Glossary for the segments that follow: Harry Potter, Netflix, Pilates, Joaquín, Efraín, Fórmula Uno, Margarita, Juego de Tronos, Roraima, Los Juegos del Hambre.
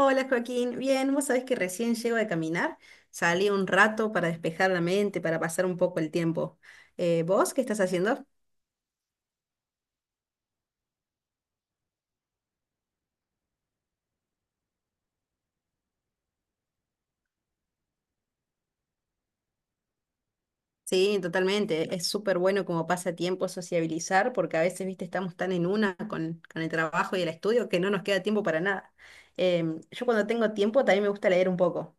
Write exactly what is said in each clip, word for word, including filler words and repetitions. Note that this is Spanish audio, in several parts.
Hola Joaquín, bien, vos sabés que recién llego de caminar, salí un rato para despejar la mente, para pasar un poco el tiempo. Eh, ¿vos qué estás haciendo? Sí, totalmente, es súper bueno como pasatiempo sociabilizar porque a veces, viste, estamos tan en una con, con el trabajo y el estudio que no nos queda tiempo para nada. Em, yo cuando tengo tiempo también me gusta leer un poco.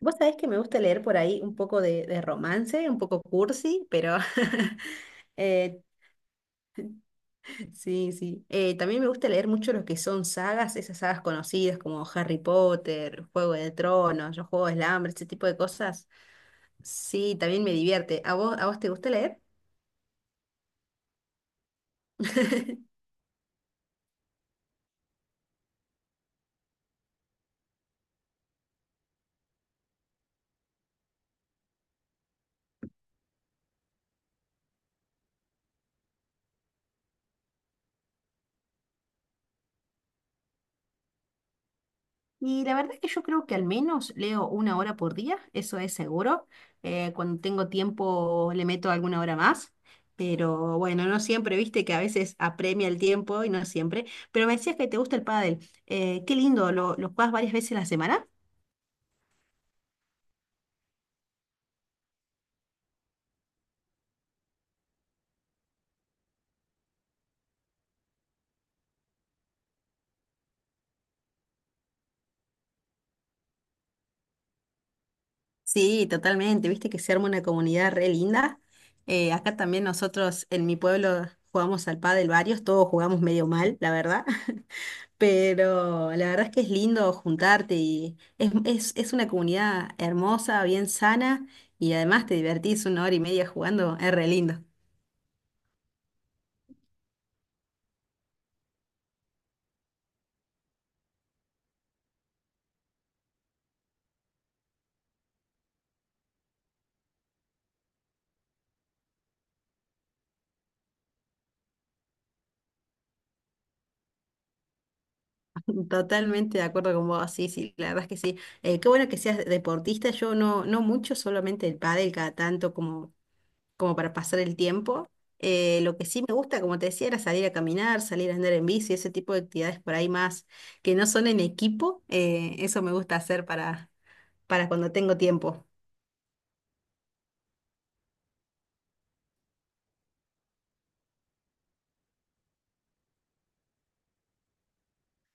Vos sabés que me gusta leer por ahí un poco de, de romance, un poco cursi, pero eh, Sí, sí. Eh, también me gusta leer mucho lo que son sagas, esas sagas conocidas como Harry Potter, Juego de Tronos, Los Juegos del Hambre, ese tipo de cosas. Sí, también me divierte. ¿A vos, a vos te gusta leer? Y la verdad es que yo creo que al menos leo una hora por día, eso es seguro. Eh, cuando tengo tiempo le meto alguna hora más, pero bueno, no siempre, viste que a veces apremia el tiempo y no siempre. Pero me decías que te gusta el pádel. Eh, qué lindo, ¿lo, lo jugás varias veces a la semana? Sí, totalmente. Viste que se arma una comunidad re linda. Eh, acá también nosotros en mi pueblo jugamos al pádel varios, todos jugamos medio mal, la verdad. Pero la verdad es que es lindo juntarte y es, es, es una comunidad hermosa, bien sana y además te divertís una hora y media jugando, es re lindo. Totalmente de acuerdo con vos, sí, sí, la verdad es que sí. Eh, qué bueno que seas deportista, yo no, no mucho, solamente el pádel cada tanto como como para pasar el tiempo. Eh, lo que sí me gusta, como te decía, era salir a caminar, salir a andar en bici, ese tipo de actividades por ahí más que no son en equipo. Eh, eso me gusta hacer para, para, cuando tengo tiempo.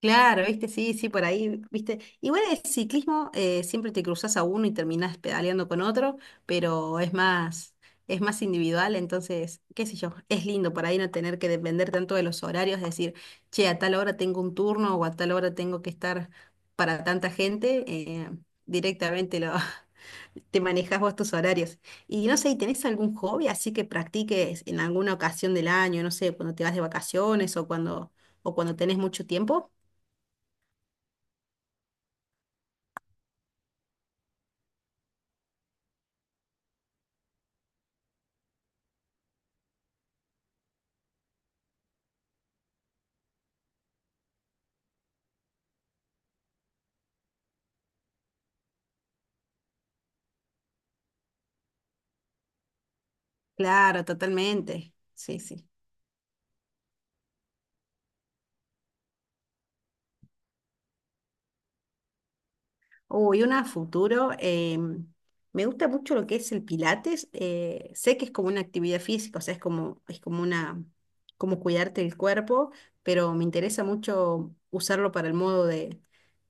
Claro, viste, sí, sí, por ahí, viste. Igual el ciclismo eh, siempre te cruzas a uno y terminás pedaleando con otro, pero es más, es más individual, entonces, qué sé yo, es lindo por ahí no tener que depender tanto de los horarios, decir, che, a tal hora tengo un turno o a tal hora tengo que estar para tanta gente, eh, directamente lo, te manejas vos tus horarios. Y no sé, ¿y ¿tenés algún hobby así que practiques en alguna ocasión del año, no sé, cuando te vas de vacaciones o cuando, o cuando tenés mucho tiempo? Claro, totalmente. Sí, sí. Uy, una a futuro. Eh, me gusta mucho lo que es el Pilates. Eh, sé que es como una actividad física, o sea, es como, es como una, como cuidarte el cuerpo, pero me interesa mucho usarlo para el modo de,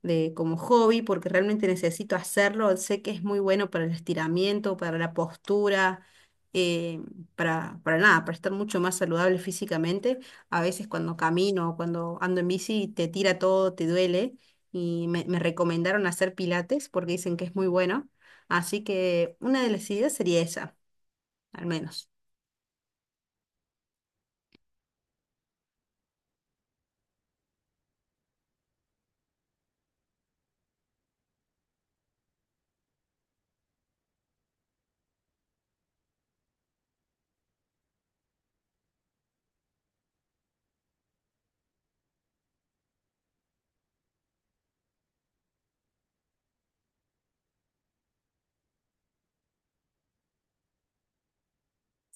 de como hobby, porque realmente necesito hacerlo. Sé que es muy bueno para el estiramiento, para la postura, eh, para, para nada, para estar mucho más saludable físicamente. A veces cuando camino o cuando ando en bici te tira todo, te duele y me, me recomendaron hacer pilates porque dicen que es muy bueno. Así que una de las ideas sería esa, al menos.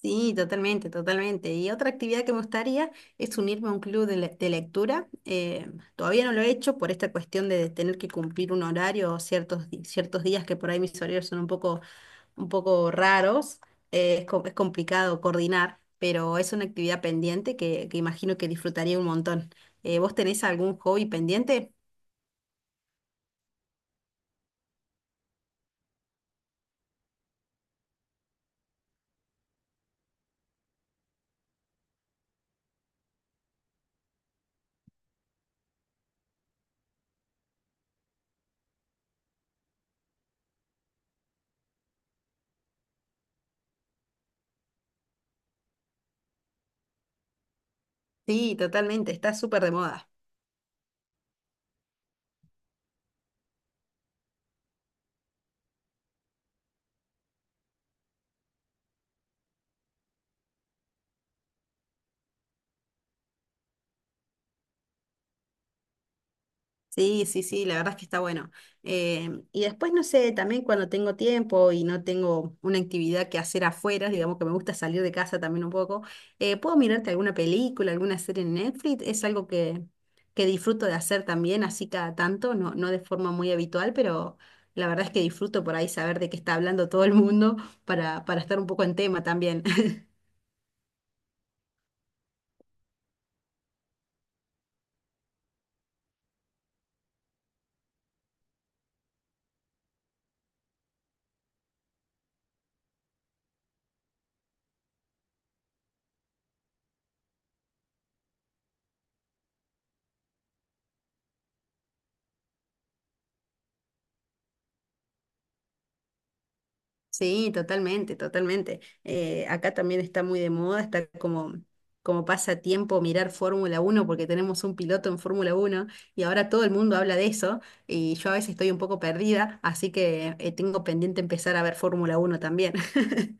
Sí, totalmente, totalmente. Y otra actividad que me gustaría es unirme a un club de, le- de lectura. Eh, todavía no lo he hecho por esta cuestión de tener que cumplir un horario o ciertos, di- ciertos días que por ahí mis horarios son un poco, un poco raros. Eh, es, co- es complicado coordinar, pero es una actividad pendiente que, que imagino que disfrutaría un montón. Eh, ¿vos tenés algún hobby pendiente? Sí, totalmente, está súper de moda. Sí, sí, sí, la verdad es que está bueno. Em, y después, no sé, también cuando tengo tiempo y no tengo una actividad que hacer afuera, digamos que me gusta salir de casa también un poco, eh, puedo mirarte alguna película, alguna serie en Netflix, es algo que, que disfruto de hacer también, así cada tanto, no, no de forma muy habitual, pero la verdad es que disfruto por ahí saber de qué está hablando todo el mundo para, para, estar un poco en tema también. Sí, totalmente, totalmente. Eh, acá también está muy de moda, está como, como pasatiempo mirar Fórmula Uno porque tenemos un piloto en Fórmula Uno y ahora todo el mundo habla de eso y yo a veces estoy un poco perdida, así que eh, tengo pendiente empezar a ver Fórmula Uno también.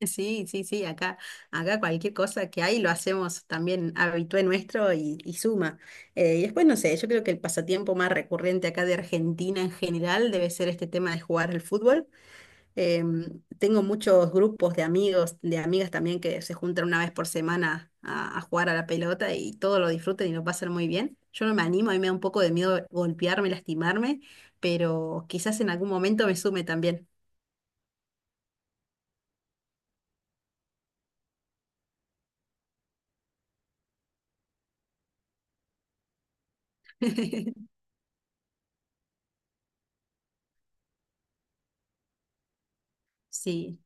Sí, sí, sí, acá, acá cualquier cosa que hay lo hacemos también habitué nuestro y, y suma. Eh, y después, no sé, yo creo que el pasatiempo más recurrente acá de Argentina en general debe ser este tema de jugar al fútbol. Em, Tengo muchos grupos de amigos, de amigas también que se juntan una vez por semana a, a jugar a la pelota y todo lo disfruten y lo pasan muy bien. Yo no me animo, a mí me da un poco de miedo golpearme, lastimarme, pero quizás en algún momento me sume también. Sí.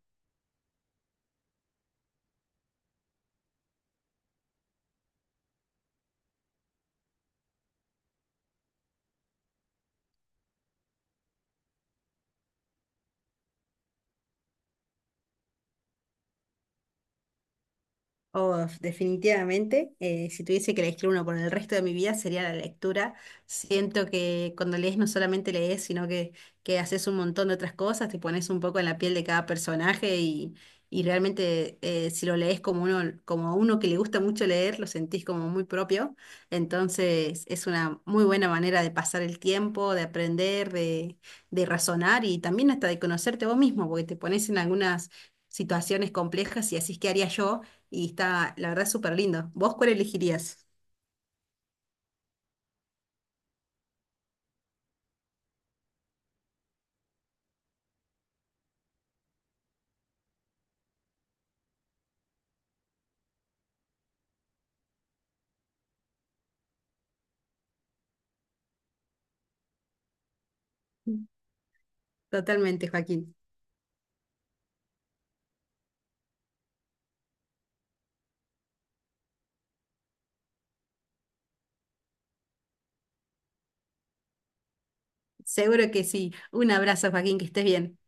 Oh, definitivamente, eh, si tuviese que elegir uno por el resto de mi vida sería la lectura. Siento que cuando lees no solamente lees, sino que, que haces un montón de otras cosas, te pones un poco en la piel de cada personaje y, y, realmente eh, si lo lees como uno, como a uno que le gusta mucho leer, lo sentís como muy propio. Entonces es una muy buena manera de pasar el tiempo, de aprender, de, de razonar y también hasta de conocerte vos mismo, porque te pones en algunas situaciones complejas y así es que haría yo y está, la verdad, súper lindo. ¿Vos cuál elegirías? Totalmente, Joaquín. Seguro que sí. Un abrazo, Joaquín, que estés bien.